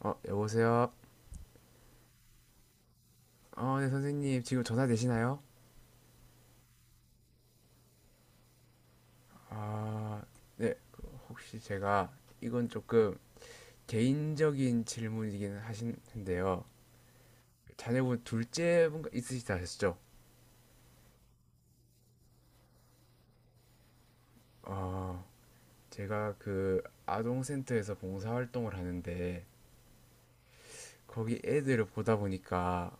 어, 여보세요? 어, 네, 선생님. 지금 전화 되시나요? 아, 네. 그 혹시 제가 이건 조금 개인적인 질문이긴 하신데요. 자녀분 둘째 분 있으시다 하셨죠? 어, 제가 그 아동센터에서 봉사활동을 하는데 거기 애들을 보다 보니까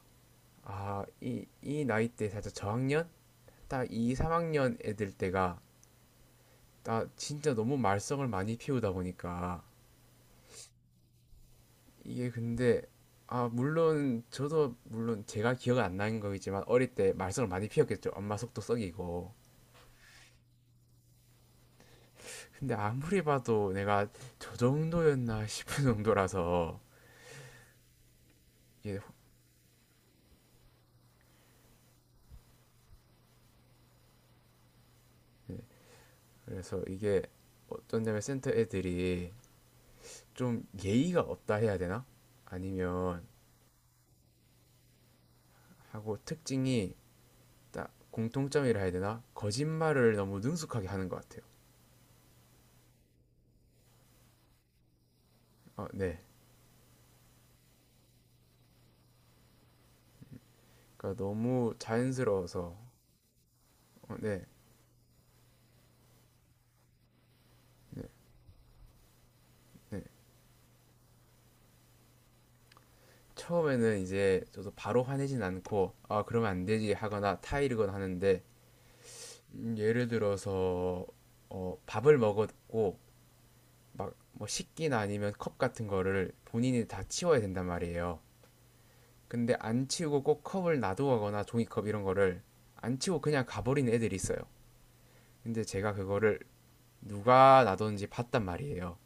아, 이 나이 때 살짝 저학년? 딱 2, 3학년 애들 때가 나 진짜 너무 말썽을 많이 피우다 보니까 이게 근데, 아, 물론 저도 물론 제가 기억 안 나는 거겠지만 어릴 때 말썽을 많이 피웠겠죠. 엄마 속도 썩이고. 근데 아무리 봐도 내가 저 정도였나 싶은 정도라서, 이게, 그래서 이게 어떤 점에 센터 애들이 좀 예의가 없다 해야 되나? 아니면 하고 특징이, 딱 공통점이라 해야 되나? 거짓말을 너무 능숙하게 하는 것 같아요. 어, 네. 그러니까 너무 자연스러워서. 어, 네. 네. 네. 처음에는 이제 저도 바로 화내진 않고 아 그러면 안 되지 하거나 타이르거나 하는데, 예를 들어서, 어, 밥을 먹었고 뭐 식기나 아니면 컵 같은 거를 본인이 다 치워야 된단 말이에요. 근데 안 치우고 꼭 컵을 놔두거나 종이컵 이런 거를 안 치우고 그냥 가버리는 애들이 있어요. 근데 제가 그거를 누가 놔뒀는지 봤단 말이에요.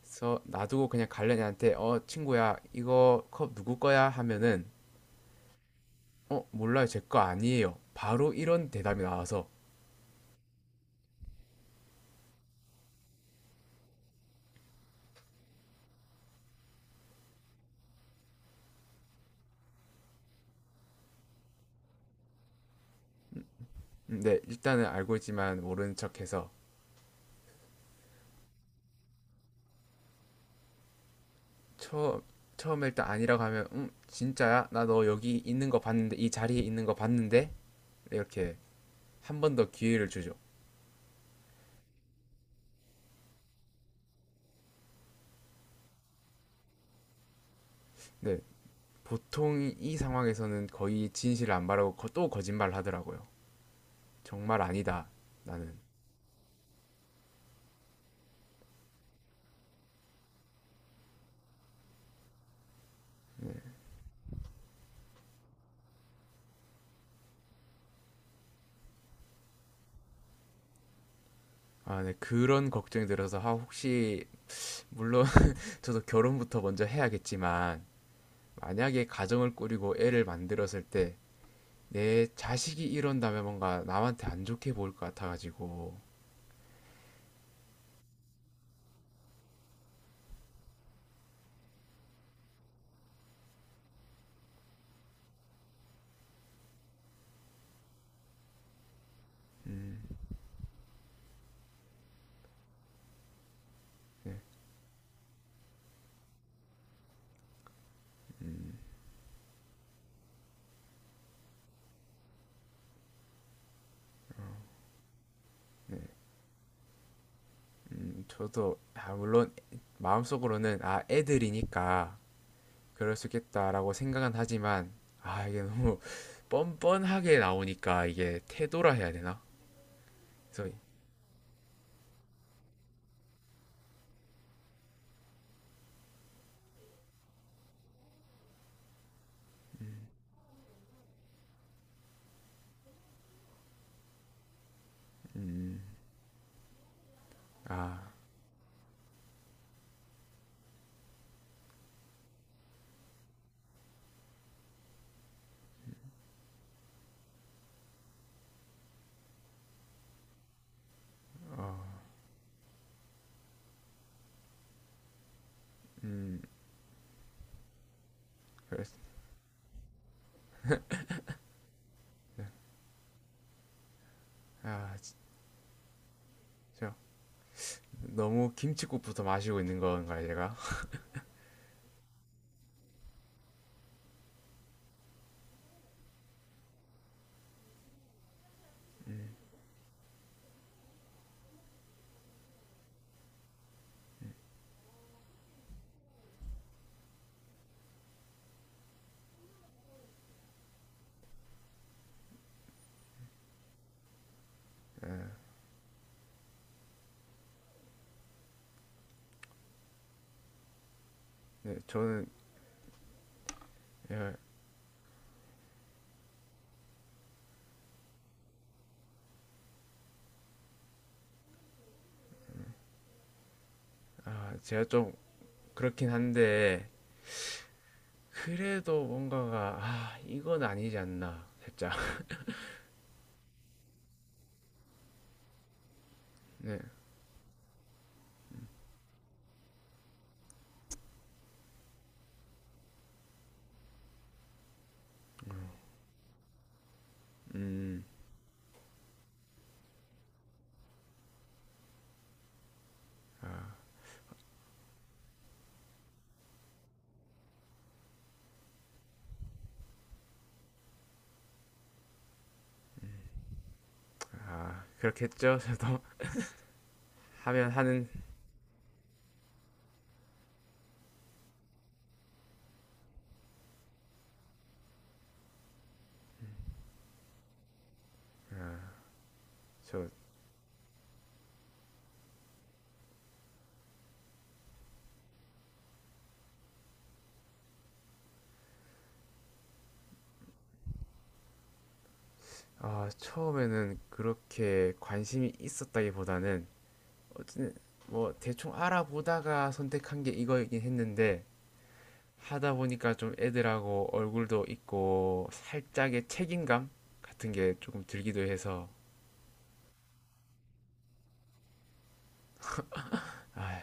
그래서 놔두고 그냥 갈려니한테 어 친구야 이거 컵 누구 거야 하면은, 어, 몰라요. 제 거 아니에요. 바로 이런 대답이 나와서. 네, 일단은 알고 있지만 모르는 척해서. 처음 처음에 일단 아니라고 하면 진짜야? 나 너 여기 있는 거 봤는데 이 자리에 있는 거 봤는데 이렇게 한 번 더 기회를 주죠. 네, 보통 이 상황에서는 거의 진실을 안 말하고 또 거짓말을 하더라고요. 정말 아니다. 나는. 아, 네, 그런 걱정이 들어서, 아, 혹시 물론 저도 결혼부터 먼저 해야겠지만 만약에 가정을 꾸리고 애를 만들었을 때 내 자식이 이런다면 뭔가 남한테 안 좋게 보일 것 같아가지고. 저도, 아, 물론 마음속으로는, 아, 애들이니까 그럴 수 있겠다라고 생각은 하지만, 아, 이게 너무 뻔뻔하게 나오니까 이게 태도라 해야 되나? 그래서. 그래서- 아, 진짜 너무 김칫국부터 마시고 있는 건가요 제가? 네, 저는. 예, 아, 제가 좀 그렇긴 한데, 그래도 뭔가가, 아, 이건 아니지 않나 살짝. 네, 음 아, 그렇겠죠. 저도. 하면 하는. 저, 아, 처음에는 그렇게 관심이 있었다기보다는, 어쨌든 뭐 대충 알아보다가 선택한 게 이거이긴 했는데, 하다 보니까 좀 애들하고 얼굴도 있고 살짝의 책임감 같은 게 조금 들기도 해서. 아,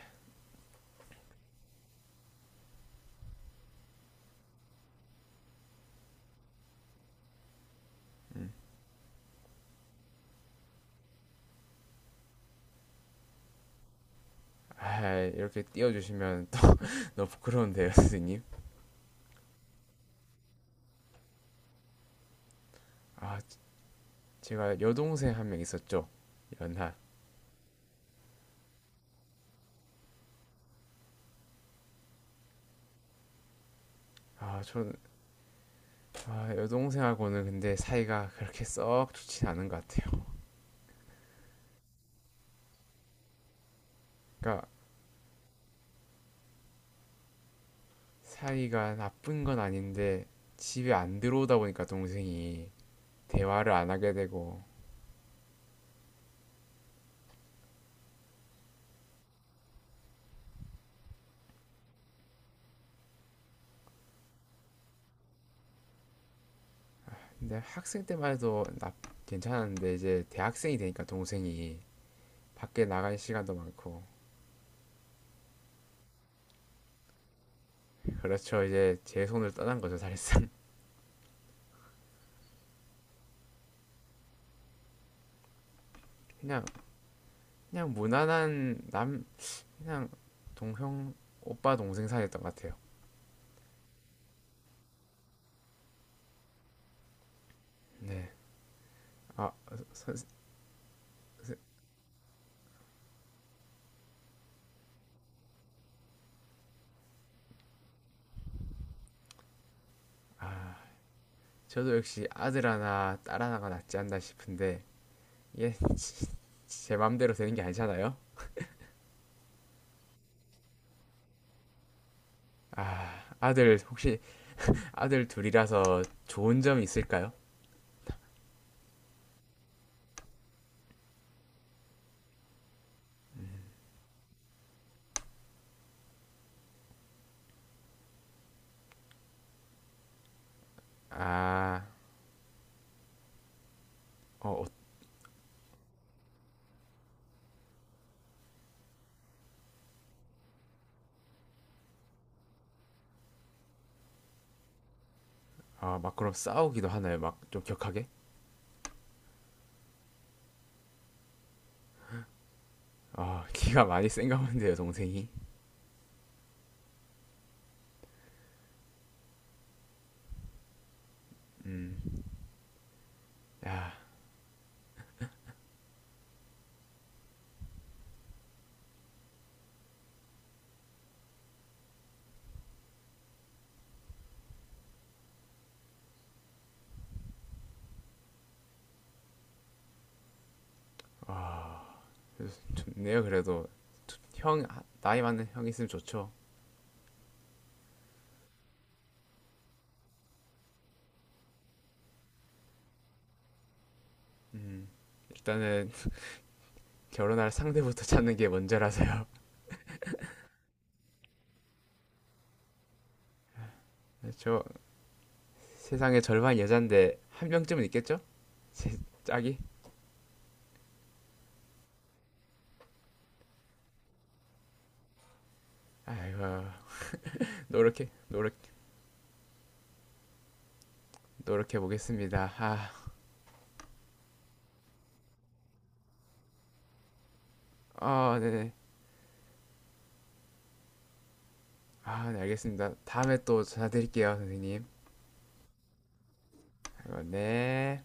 아, 이렇게 띄워주시면 또 너무 부끄러운데요, 선생님. 아, 제가 여동생 한 명 있었죠. 연하. 아, 전. 아, 여동생하고는 근데 사이가 그렇게 썩 좋진 않은 것 같아요. 그러니까 사이가 나쁜 건 아닌데 집에 안 들어오다 보니까 동생이 대화를 안 하게 되고. 근데 학생 때만 해도 나 괜찮았는데 이제 대학생이 되니까 동생이 밖에 나갈 시간도 많고. 그렇죠. 이제 제 손을 떠난 거죠 사실상. 그냥 그냥 무난한 남, 그냥 동형, 오빠 동생 사이였던 것 같아요. 네. 아, 저도 역시 아들 하나, 딸 하나가 낫지 않나 싶은데, 이게 제 맘대로 되는 게 아니잖아요? 아, 아들, 혹시 아들 둘이라서 좋은 점이 있을까요? 아, 어, 어, 아, 막 그럼 싸우기도 하나요? 막 좀 격하게? 아, 기가 많이 센가 본데요, 동생이. 야, 좋네요, 그래도. 형, 아, 나이 많은 형 있으면 좋죠. 일단은. 결혼할 상대부터 찾는 게 먼저라서요. 저, 세상의 절반 여잔데 한 명쯤은 있겠죠? 제 짝이? 아이고, 노력해 노력 노력해 보겠습니다. 아, 어, 네네. 아, 네 알겠습니다. 다음에 또 전화 드릴게요, 선생님. 아이고, 네.